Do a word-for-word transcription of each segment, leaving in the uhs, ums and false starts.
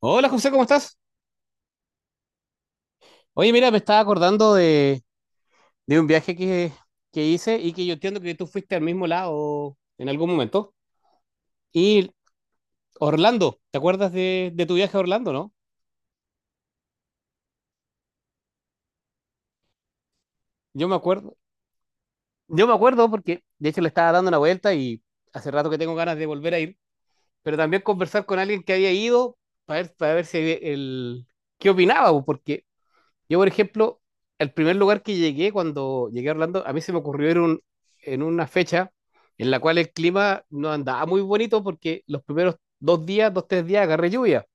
Hola José, ¿cómo estás? Oye, mira, me estaba acordando de, de un viaje que, que hice y que yo entiendo que tú fuiste al mismo lado en algún momento. Y Orlando, ¿te acuerdas de, de tu viaje a Orlando, no? Yo me acuerdo, yo me acuerdo porque de hecho le estaba dando una vuelta y hace rato que tengo ganas de volver a ir, pero también conversar con alguien que había ido para ver, para ver si el, qué opinaba, porque yo, por ejemplo, el primer lugar que llegué cuando llegué a Orlando, a mí se me ocurrió ir un- en una fecha en la cual el clima no andaba muy bonito porque los primeros dos días, dos, tres días agarré lluvia.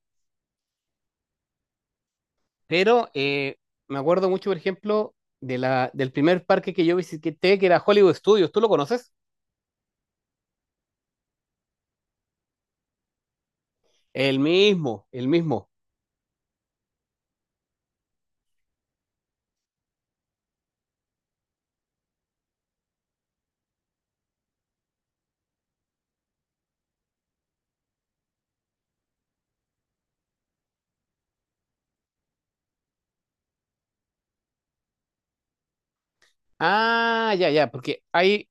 Pero eh, me acuerdo mucho, por ejemplo, de la, del primer parque que yo visité, que era Hollywood Studios. ¿Tú lo conoces? El mismo, el mismo. Ah, ya, ya, porque hay,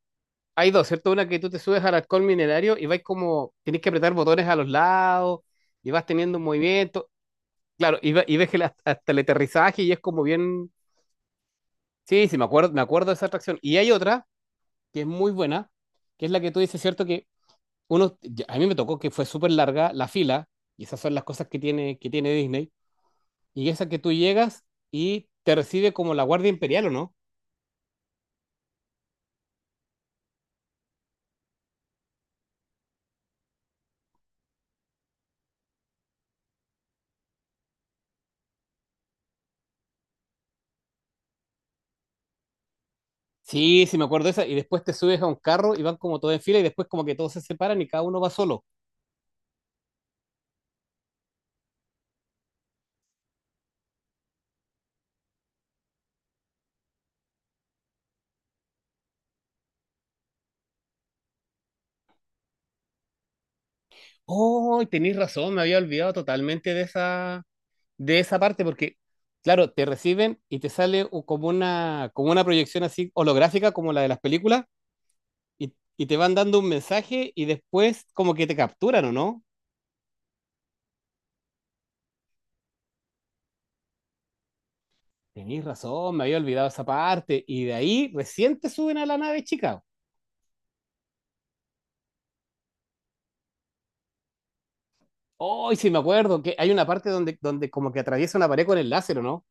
hay dos, ¿cierto? Una que tú te subes al alcohol minerario y vais como, tenés que apretar botones a los lados y vas teniendo un movimiento. Claro, y, ve- y ves que la- hasta el aterrizaje y es como bien. Sí, sí, me acuerdo, me acuerdo de esa atracción. Y hay otra que es muy buena, que es la que tú dices, ¿cierto? Que uno, ya- a mí me tocó que fue súper larga la fila, y esas son las cosas que tiene, que tiene Disney. Y esa que tú llegas y te recibe como la Guardia Imperial, ¿o no? Sí, sí, me acuerdo de esa. Y después te subes a un carro y van como todos en fila y después como que todos se separan y cada uno va solo. Oh, tenés razón, me había olvidado totalmente de esa, de esa parte, porque, claro, te reciben y te sale u- como una, como una proyección así holográfica, como la de las películas, y, y te van dando un mensaje y después como que te capturan, ¿o no? Tenís razón, me había olvidado esa parte, y de ahí recién te suben a la nave de Chicago. Hoy sí me acuerdo que hay una parte donde, donde como que atraviesa una pared con el láser, ¿o no?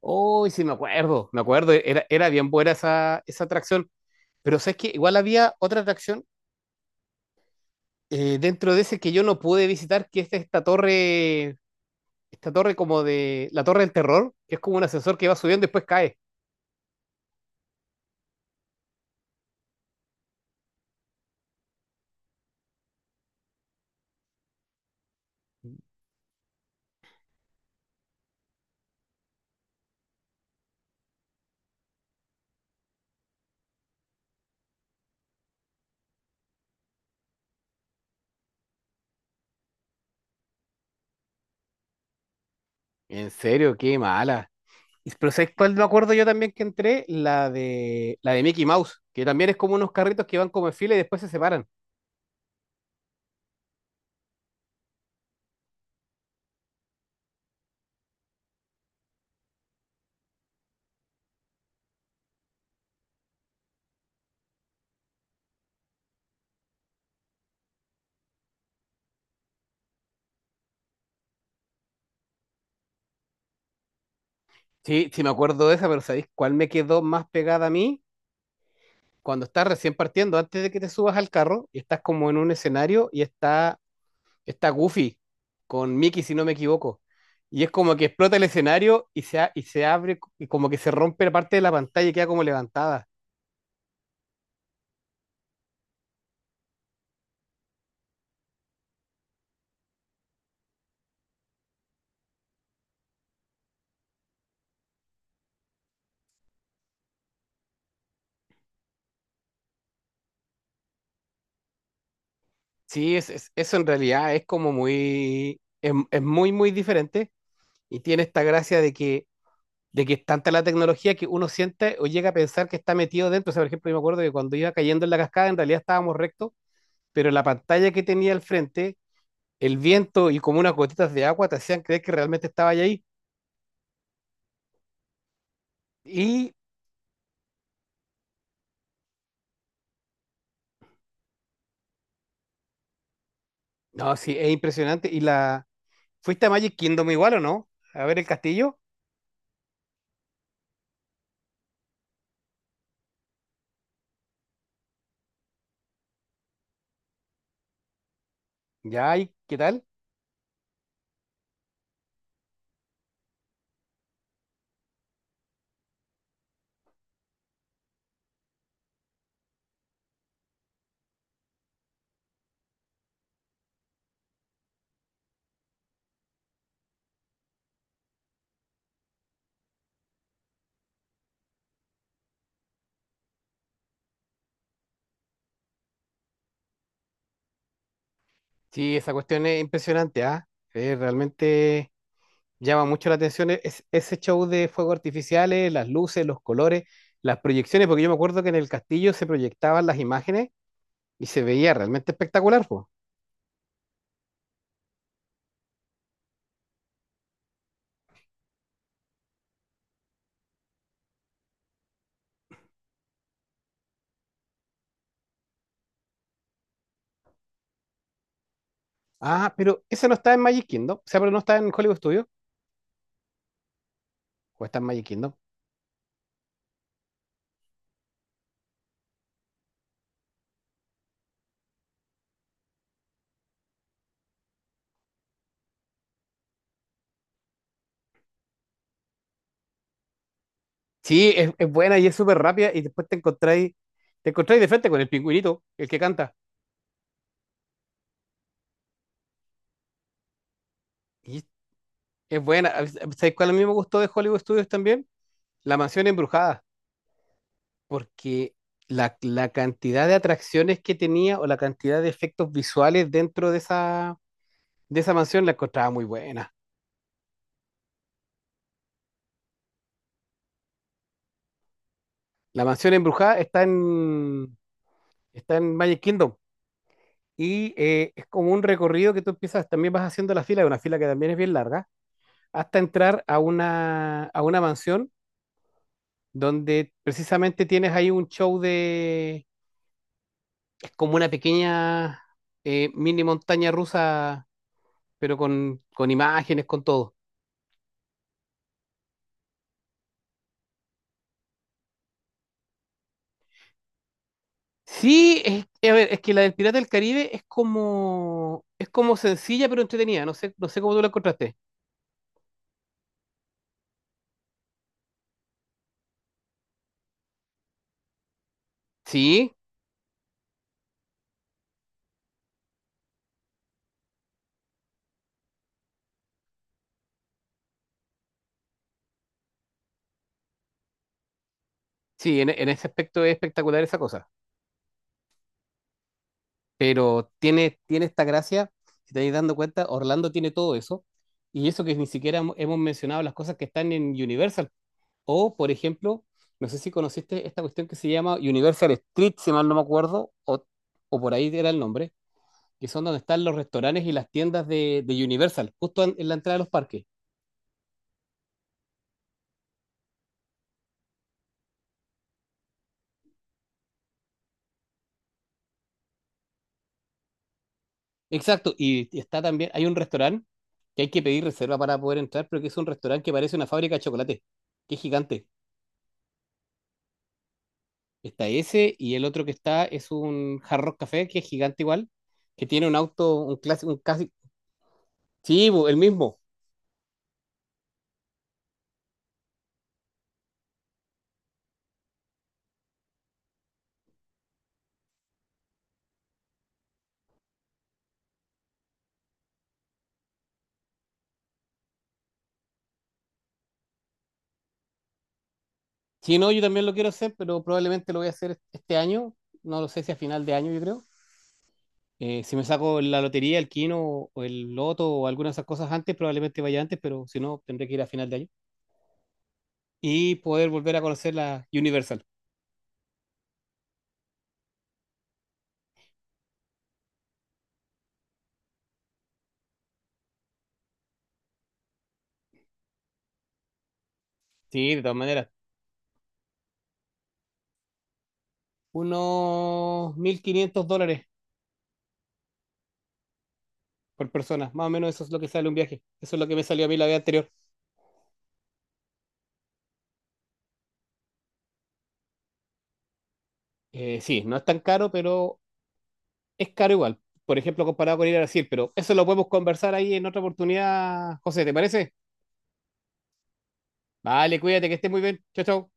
Hoy sí me acuerdo, me acuerdo, era, era bien buena esa, esa atracción, pero sabes que igual había otra atracción eh, dentro de ese que yo no pude visitar, que es esta torre esta torre como de la torre del terror, que es como un ascensor que va subiendo y después cae. En serio, qué mala. Y- pero ¿sabes cuál me acuerdo yo también que entré? La de, la de Mickey Mouse, que también es como unos carritos que van como en fila y después se separan. Sí, sí me acuerdo de esa, pero ¿sabéis cuál me quedó más pegada a mí? Cuando estás recién partiendo, antes de que te subas al carro, y estás como en un escenario y está, está Goofy con Mickey, si no me equivoco. Y es como que explota el escenario y se, a- y se abre, y como que se rompe la parte de la pantalla y queda como levantada. Sí, es, es- eso en realidad es como muy, es, es muy, muy diferente y tiene esta gracia de que, de que es tanta la tecnología que uno siente o llega a pensar que está metido dentro. O sea, por ejemplo, yo me acuerdo que cuando iba cayendo en la cascada, en realidad estábamos rectos, pero la pantalla que tenía al frente, el viento y como unas gotitas de agua te hacían creer que realmente estaba ahí. Y, no, sí, es impresionante. Y la, ¿fuiste a Magic Kingdom igual o no? A ver el castillo. Ya, ¿y qué tal? Sí, esa cuestión es impresionante, ¿ah? Es realmente llama mucho la atención e-, es- ese show de fuegos artificiales, las luces, los colores, las proyecciones, porque yo me acuerdo que en el castillo se proyectaban las imágenes y se veía realmente espectacular, po. Ah, pero ese no está en Magic Kingdom, o sea, pero no está en Hollywood Studios, o está en Magic Kingdom. Sí, es, es buena y es súper rápida y después te encontráis, te encontráis de frente con el pingüinito, el que canta. Y es buena. ¿Sabéis cuál a mí me gustó de Hollywood Studios también? La mansión embrujada. Porque la, la cantidad de atracciones que tenía o la cantidad de efectos visuales dentro de esa, de esa mansión la encontraba muy buena. La mansión embrujada está en, está en Magic Kingdom y eh, es como un recorrido que tú empiezas, también vas haciendo la fila, una fila que también es bien larga, hasta entrar a una, a una mansión donde precisamente tienes ahí un show de, es como una pequeña eh, mini montaña rusa, pero con, con imágenes, con todo. Sí, es, a ver, es que la del Pirata del Caribe es como, es como sencilla pero entretenida. No sé, no sé cómo tú la encontraste. Sí, sí, en, en ese aspecto es espectacular esa cosa. Pero tiene, tiene esta gracia, si te estás dando cuenta, Orlando tiene todo eso. Y eso que ni siquiera hemo- hemos mencionado las cosas que están en Universal. O, por ejemplo, no sé si conociste esta cuestión que se llama Universal Street, si mal no me acuerdo, o, o por ahí era el nombre, que son donde están los restaurantes y las tiendas de, de Universal, justo en en la entrada de los parques. Exacto, y está también, hay un restaurante que hay que pedir reserva para poder entrar, pero que es un restaurante que parece una fábrica de chocolate, que es gigante. Está ese y el otro que está es un Hard Rock Café, que es gigante igual, que tiene un auto, un clásico, un casi, sí, bo, el mismo. Sí, no, yo también lo quiero hacer, pero probablemente lo voy a hacer est- este año, no lo sé si a final de año, yo creo. Eh, si me saco la lotería, el quino o o el loto o alguna de esas cosas antes, probablemente vaya antes, pero si no, tendré que ir a final de año. Y poder volver a conocer la Universal. Sí, de todas maneras. Unos mil quinientos dólares por persona, más o menos eso es lo que sale un viaje, eso es lo que me salió a mí la vez anterior. Eh, sí, no es tan caro, pero es caro igual, por ejemplo, comparado con ir a Brasil, pero eso lo podemos conversar ahí en otra oportunidad, José, ¿te parece? Vale, cuídate, que estés muy bien, chao, chao.